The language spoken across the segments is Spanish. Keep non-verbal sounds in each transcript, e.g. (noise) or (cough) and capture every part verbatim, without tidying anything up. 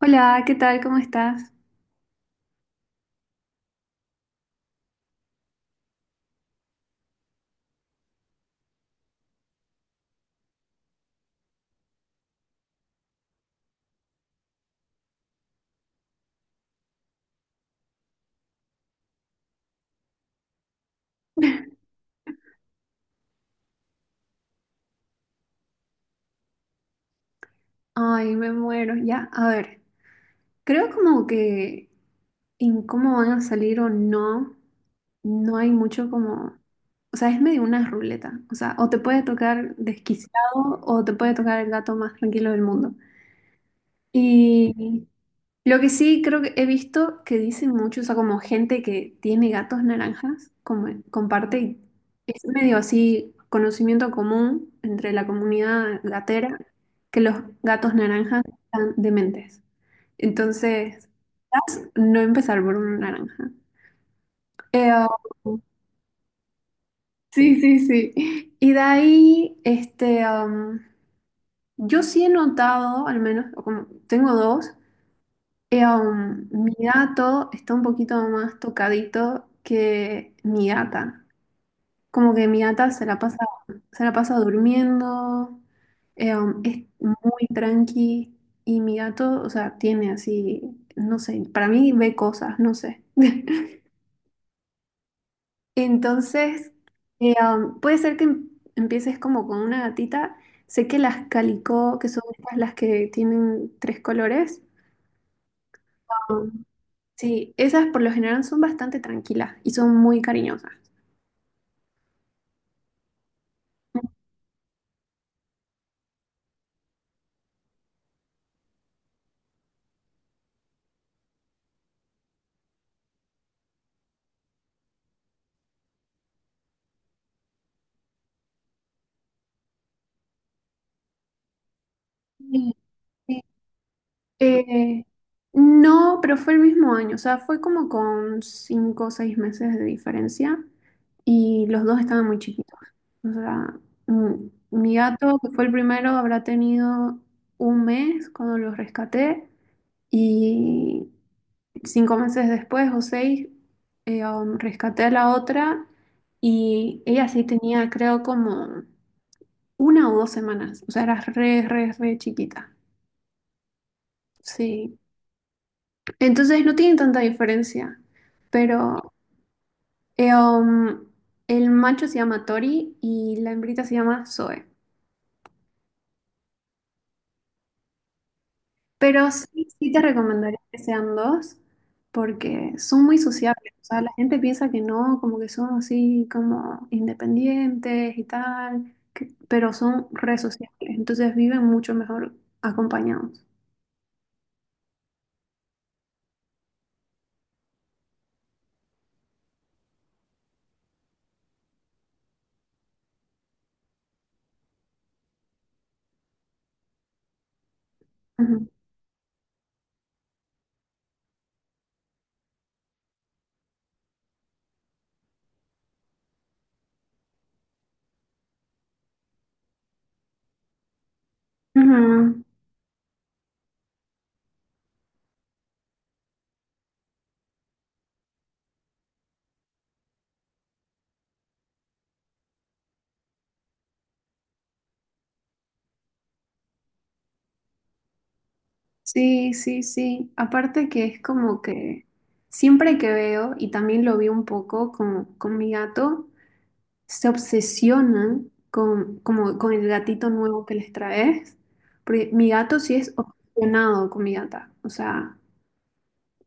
Hola, ¿qué tal? ¿Cómo estás? Ay, me muero. Ya, a ver, creo como que en cómo van a salir o no, no hay mucho como, o sea, es medio una ruleta. O sea, o te puede tocar desquiciado o te puede tocar el gato más tranquilo del mundo. Mm. Y lo que sí creo que he visto que dicen mucho, o sea, como gente que tiene gatos naranjas, como comparte, y es medio así conocimiento común entre la comunidad gatera, que los gatos naranjas están dementes. Entonces, no empezar por uno naranja. Eh, um, sí, sí, sí. Y de ahí, este, um, yo sí he notado, al menos, o como tengo dos. Eh, um, mi gato está un poquito más tocadito que mi gata. Como que mi gata se la pasa, se la pasa durmiendo, eh, um, es muy tranqui, y mi gato, o sea, tiene así, no sé, para mí ve cosas, no sé. (laughs) Entonces, eh, um, puede ser que em- empieces como con una gatita. Sé que las calicó, que son estas las que tienen tres colores. um, Sí, esas por lo general son bastante tranquilas y son muy cariñosas. Sí, sí. Eh, no, pero fue el mismo año, o sea, fue como con cinco o seis meses de diferencia y los dos estaban muy chiquitos. O sea, mm, mi gato, que fue el primero, habrá tenido un mes cuando los rescaté, y cinco meses después o seis eh, um, rescaté a la otra, y ella sí tenía, creo, como una o dos semanas, o sea, era re, re, re chiquita. Sí. Entonces no tienen tanta diferencia, pero eh, um, el macho se llama Tori y la hembrita se llama Zoe. Pero sí, sí te recomendaría que sean dos porque son muy sociables. O sea, la gente piensa que no, como que son así como independientes y tal, que- pero son re sociables. Entonces viven mucho mejor acompañados. Ujú. Ujú. Sí, sí, sí. Aparte que es como que siempre que veo, y también lo vi un poco con, con mi gato, se obsesionan con, como, con el gatito nuevo que les traes. Porque mi gato sí es obsesionado con mi gata. O sea,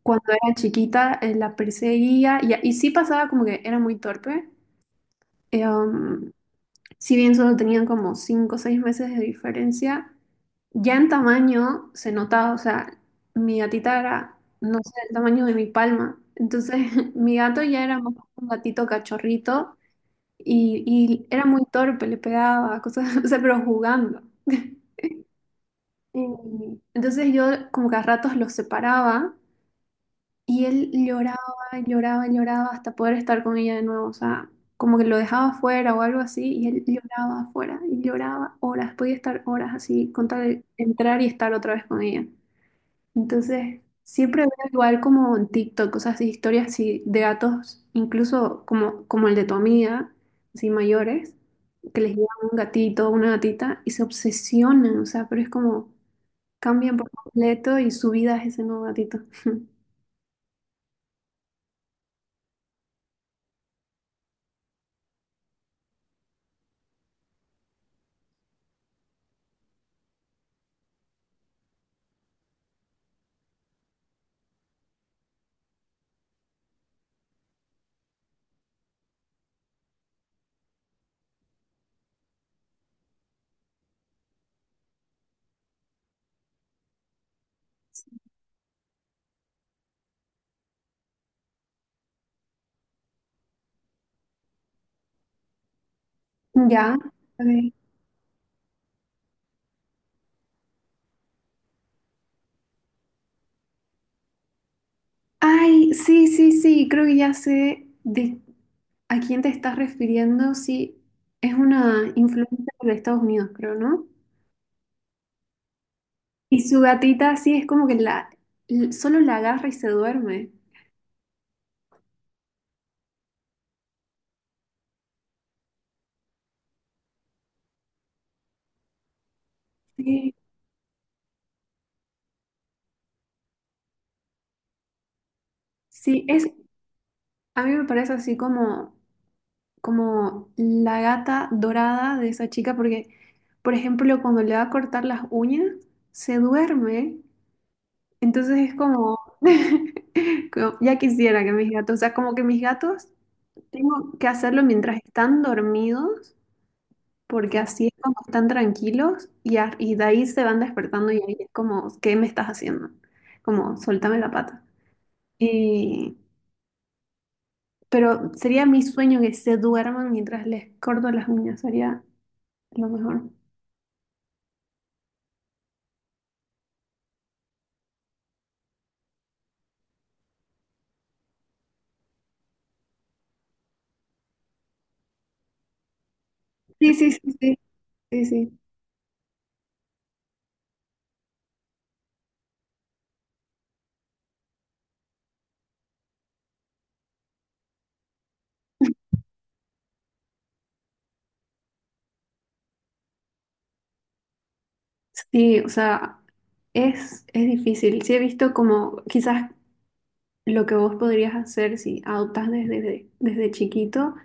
cuando era chiquita, eh, la perseguía y, y sí pasaba como que era muy torpe. Eh, um, si bien solo tenían como cinco o seis meses de diferencia, ya en tamaño se notaba, o sea, mi gatita era, no sé, el tamaño de mi palma. Entonces, (laughs) mi gato ya era más un gatito cachorrito y, y era muy torpe, le pegaba, cosas, (laughs) o sea, pero jugando. (laughs) Y Entonces yo como que a ratos los separaba, y él lloraba, lloraba, lloraba hasta poder estar con ella de nuevo. O sea, como que lo dejaba afuera o algo así, y él lloraba afuera, y lloraba horas, podía estar horas así, con tal de entrar y estar otra vez con ella. Entonces, siempre veo igual como en TikTok, cosas así, historias así de gatos, incluso como, como el de tu amiga, así mayores, que les llevan un gatito, una gatita, y se obsesionan, o sea, pero es como cambian por completo y su vida es ese nuevo gatito. (laughs) Ya. Ok. Ay, sí, sí, sí, creo que ya sé de a quién te estás refiriendo. Sí, es una influencer de Estados Unidos, creo, ¿no? Y su gatita, sí, es como que la, l- solo la agarra y se duerme. Sí, sí, es, a mí me parece así como, como la gata dorada de esa chica, porque, por ejemplo, cuando le va a cortar las uñas, se duerme. Entonces es como, (laughs) como, ya quisiera que mis gatos, o sea, como que mis gatos. Tengo que hacerlo mientras están dormidos, porque así es como están tranquilos, y, a- y de ahí se van despertando y ahí es como, ¿qué me estás haciendo? Como, suéltame la pata. Y, pero sería mi sueño que se duerman mientras les corto las uñas, sería lo mejor. Sí, sí, sí, sí, sí, sí. Sí, o sea, es, es difícil. Sí he visto como quizás lo que vos podrías hacer si adoptas desde, desde chiquito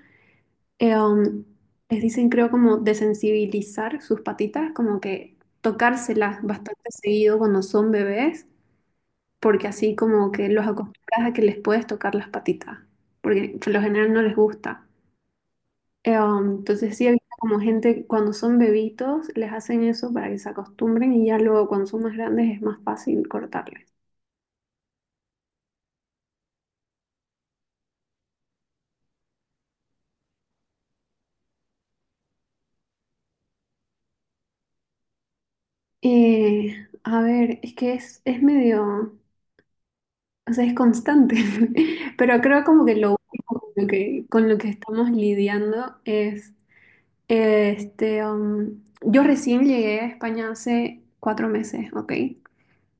eh, um, les dicen, creo, como desensibilizar sus patitas, como que tocárselas bastante seguido cuando son bebés, porque así como que los acostumbras a que les puedes tocar las patitas, porque por lo general no les gusta. Eh, um, entonces sí, he visto como gente cuando son bebitos les hacen eso para que se acostumbren, y ya luego cuando son más grandes es más fácil cortarles. Eh, a ver, es que es, es medio... O sea, es constante, (laughs) pero creo como que lo único con lo que, con lo que estamos lidiando es, este, um, yo recién llegué a España hace cuatro meses, ¿ok?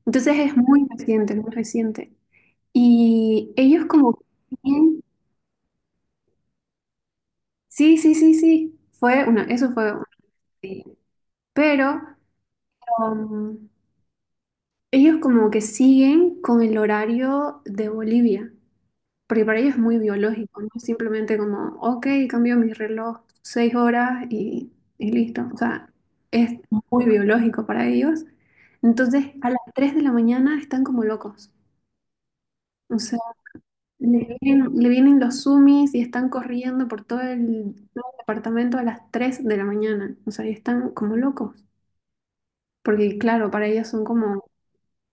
Entonces es muy reciente, muy reciente. Y ellos como, que- sí, sí, sí, sí, fue una, eso fue una tontería. Pero um, ellos como que siguen con el horario de Bolivia. Porque para ellos es muy biológico, no es simplemente como, ok, cambio mi reloj seis horas y, y listo. O sea, es muy biológico para ellos. Entonces, a las tres de la mañana están como locos. O sea, le vienen, le vienen los sumis y están corriendo por todo el, todo el departamento a las tres de la mañana. O sea, y están como locos. Porque, claro, para ellos son como,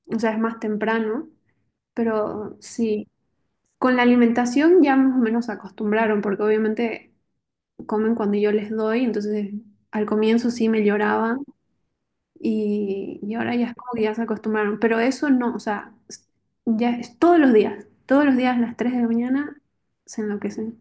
o sea, es más temprano, pero sí. Con la alimentación ya más o menos se acostumbraron, porque obviamente comen cuando yo les doy, entonces al comienzo sí me lloraban, y, y ahora ya es como que ya se acostumbraron, pero eso no, o sea, s- ya es todos los días, todos los días a las tres de la mañana se enloquecen.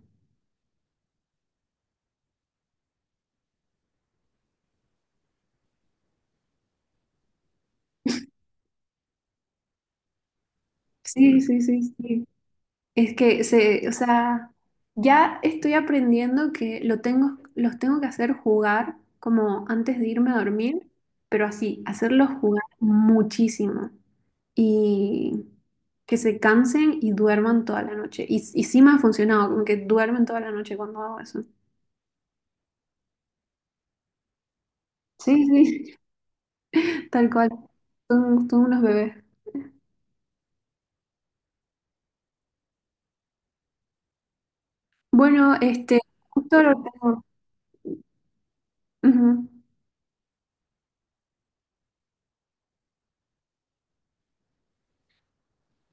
Sí, sí, sí, sí. Es que se, o sea, ya estoy aprendiendo que lo tengo, los tengo que hacer jugar como antes de irme a dormir, pero así, hacerlos jugar muchísimo y que se cansen y duerman toda la noche. Y, y sí me ha funcionado, como que duermen toda la noche cuando hago eso. Sí, sí, (laughs) tal cual. Son, son unos bebés. Bueno, este, justo lo tengo. Ujú.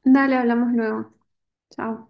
Dale, hablamos luego. Chao.